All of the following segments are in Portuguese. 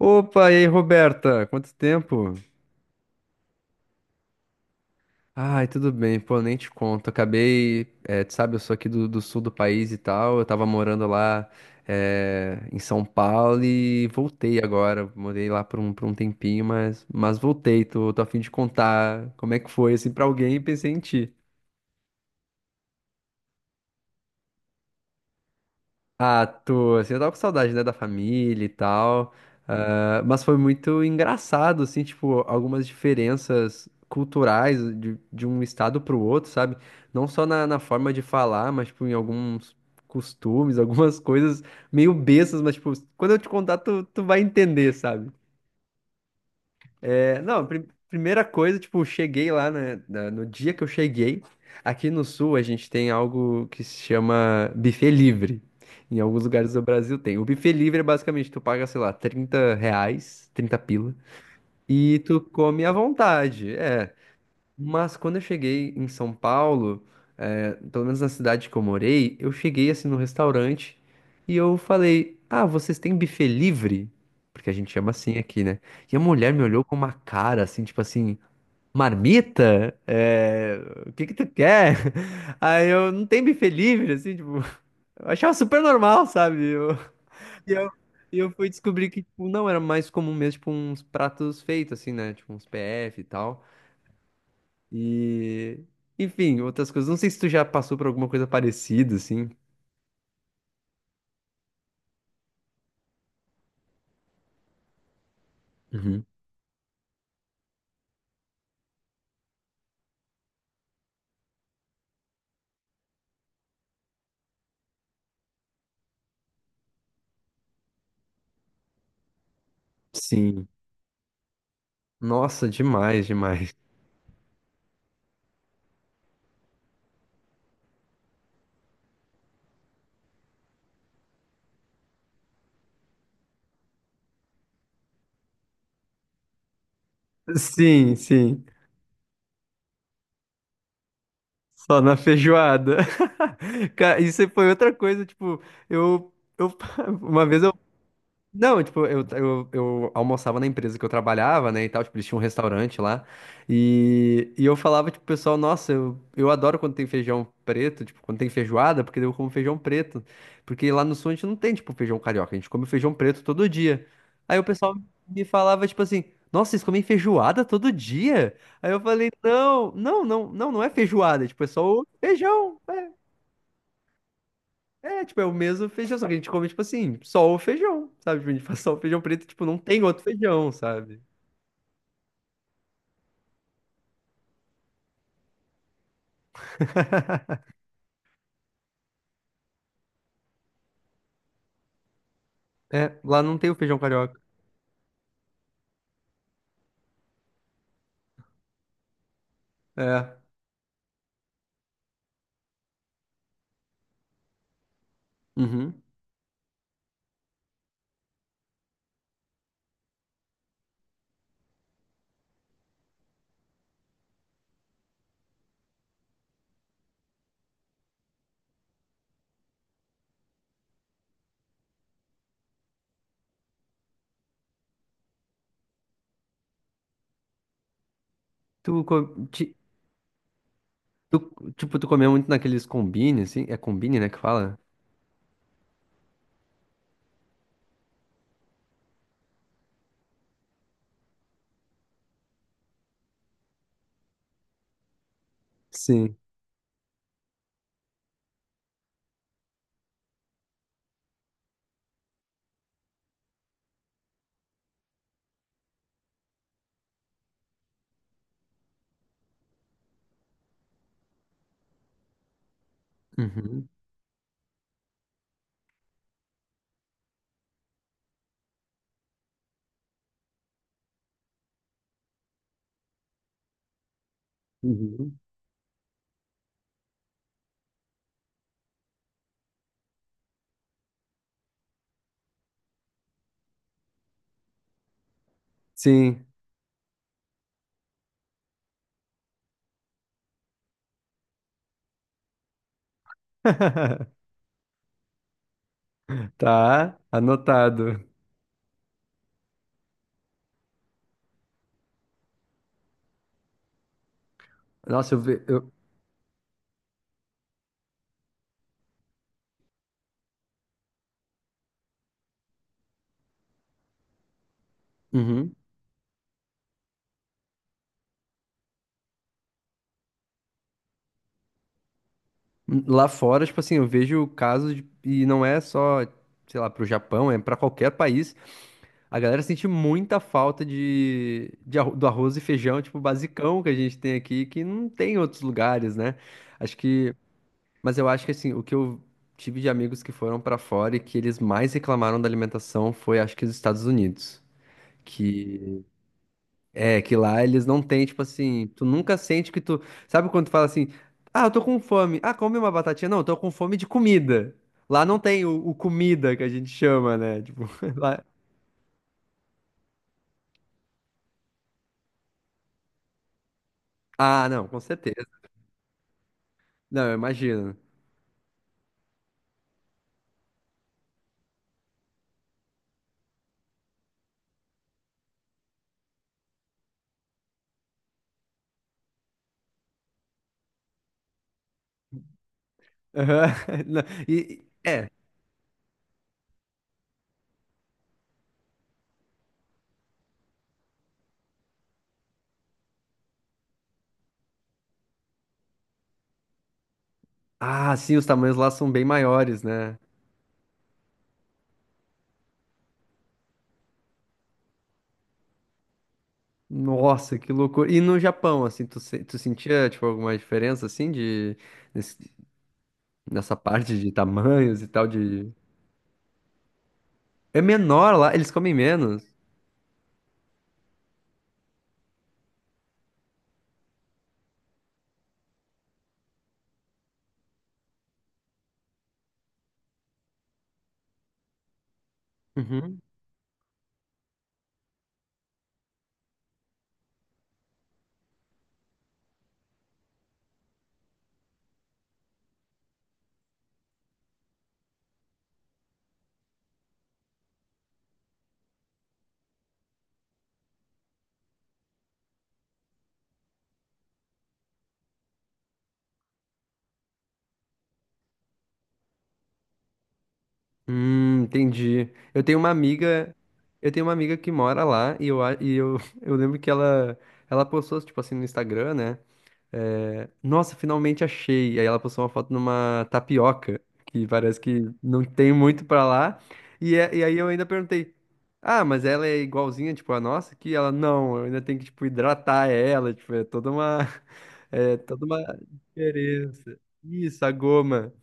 Opa, e aí, Roberta? Quanto tempo? Ai, tudo bem, pô, nem te conto. Acabei, tu sabe, eu sou aqui do sul do país e tal. Eu tava morando lá, em São Paulo e voltei agora. Morei lá por um tempinho, mas voltei. Tô a fim de contar como é que foi, assim, pra alguém e pensei em ti. Ah, tô, assim, eu tava com saudade, né, da família e tal, ah, mas foi muito engraçado, assim, tipo, algumas diferenças culturais de um estado pro outro, sabe? Não só na forma de falar, mas, tipo, em alguns costumes, algumas coisas meio bestas, mas, tipo, quando eu te contar, tu vai entender, sabe? É, não, primeira coisa, tipo, cheguei lá, né, no dia que eu cheguei, aqui no Sul a gente tem algo que se chama buffet livre. Em alguns lugares do Brasil tem. O buffet livre é basicamente, tu paga, sei lá, 30 reais, 30 pila, e tu come à vontade. É, mas quando eu cheguei em São Paulo, pelo menos na cidade que eu morei, eu cheguei assim no restaurante e eu falei: Ah, vocês têm buffet livre? Porque a gente chama assim aqui, né? E a mulher me olhou com uma cara assim, tipo assim: Marmita? O que que tu quer? Aí eu não tem buffet livre, assim, tipo, eu achava super normal, sabe? E eu, e eu fui descobrir que, tipo, não, era mais comum mesmo, tipo, uns pratos feitos, assim, né? Tipo, uns PF e tal. E, enfim, outras coisas. Não sei se tu já passou por alguma coisa parecida, assim. Uhum. Sim. Nossa, demais, demais. Sim, sim. Só na feijoada. Cara, isso foi outra coisa, tipo, eu, eu uma vez. Não, tipo, eu almoçava na empresa que eu trabalhava, né, e tal, tipo, eles tinham um restaurante lá, e eu falava, tipo, pro pessoal, nossa, eu adoro quando tem feijão preto, tipo, quando tem feijoada, porque daí eu como feijão preto, porque lá no sul a gente não tem, tipo, feijão carioca, a gente come feijão preto todo dia. Aí o pessoal me falava, tipo assim, nossa, vocês comem feijoada todo dia? Aí eu falei, não, não, não, não, não é feijoada, tipo, é só o feijão, é." É, tipo, é o mesmo feijão, só que a gente come, tipo assim, só o feijão, sabe? Tipo, a gente faz só o feijão preto, tipo, não tem outro feijão, sabe? É, lá não tem o feijão carioca. É. Uhum. Tu, co- ti- tu- Tipo, tu comeu muito naqueles combine, assim? É combine, né, que fala? Sim. Uhum. Uhum. Sim. Tá, anotado. Nossa, eu vejo. Eu... Uhum. Lá fora, tipo assim, eu vejo casos de... E não é só, sei lá, pro Japão, é pra qualquer país. A galera sente muita falta de, do arroz e feijão, tipo, basicão que a gente tem aqui, que não tem em outros lugares, né? Acho que. Mas eu acho que, assim, o que eu tive de amigos que foram pra fora e que eles mais reclamaram da alimentação foi, acho que, os Estados Unidos. Que. É, que lá eles não têm, tipo assim. Tu nunca sente que tu. Sabe quando tu fala assim. Ah, eu tô com fome. Ah, come uma batatinha. Não, eu tô com fome de comida. Lá não tem o comida que a gente chama, né? Tipo, lá. Ah, não, com certeza. Não, eu imagino. Aham. Não, é. Ah, sim, os tamanhos lá são bem maiores, né? Nossa, que loucura. E no Japão, assim, tu, se- tu sentia, tipo, alguma diferença, assim, de... nesse- nessa parte de tamanhos e tal, de... É menor lá, eles comem menos. Uhum. Entendi. Eu tenho uma amiga, eu tenho uma amiga que mora lá e eu, eu lembro que ela postou, tipo assim, no Instagram, né? É, nossa, finalmente achei. Aí ela postou uma foto numa tapioca, que parece que não tem muito pra lá. E aí eu ainda perguntei: Ah, mas ela é igualzinha, tipo, a nossa? Que ela, não, eu ainda tenho que, tipo, hidratar ela, tipo, é toda uma, é toda uma diferença. Isso, a goma.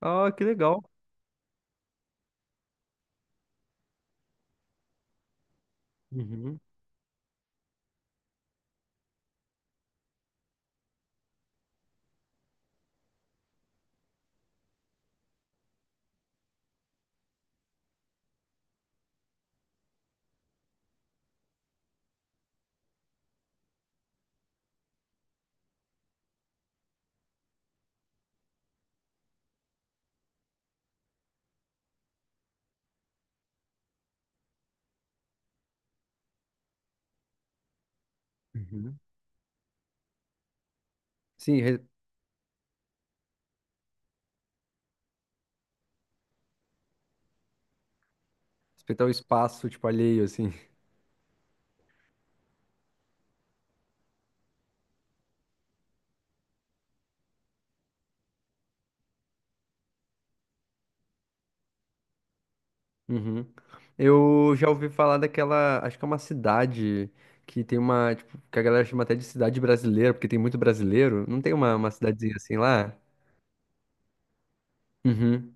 Ah, que legal. Uhum, uhum. Sim, respeitar o espaço, tipo, alheio, assim. Uhum. Eu já ouvi falar daquela, acho que é uma cidade que tem uma, tipo, que a galera chama até de cidade brasileira, porque tem muito brasileiro. Não tem uma cidadezinha assim lá? Uhum.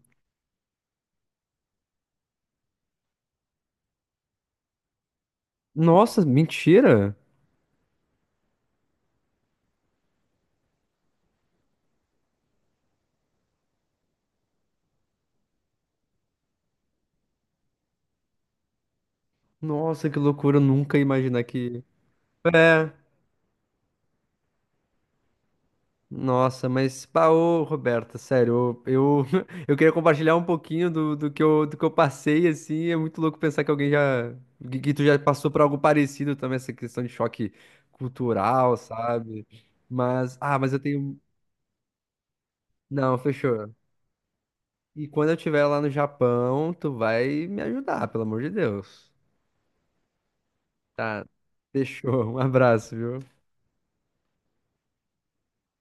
Nossa, mentira! Nossa, que loucura, eu nunca ia imaginar que. É. Nossa, mas, pá, ô, Roberta, sério, eu, eu queria compartilhar um pouquinho do que eu passei, assim, é muito louco pensar que alguém já, que tu já passou por algo parecido também, essa questão de choque cultural, sabe? Mas, ah, mas eu tenho, não, fechou. E quando eu estiver lá no Japão, tu vai me ajudar, pelo amor de Deus. Tá, fechou, um abraço, viu?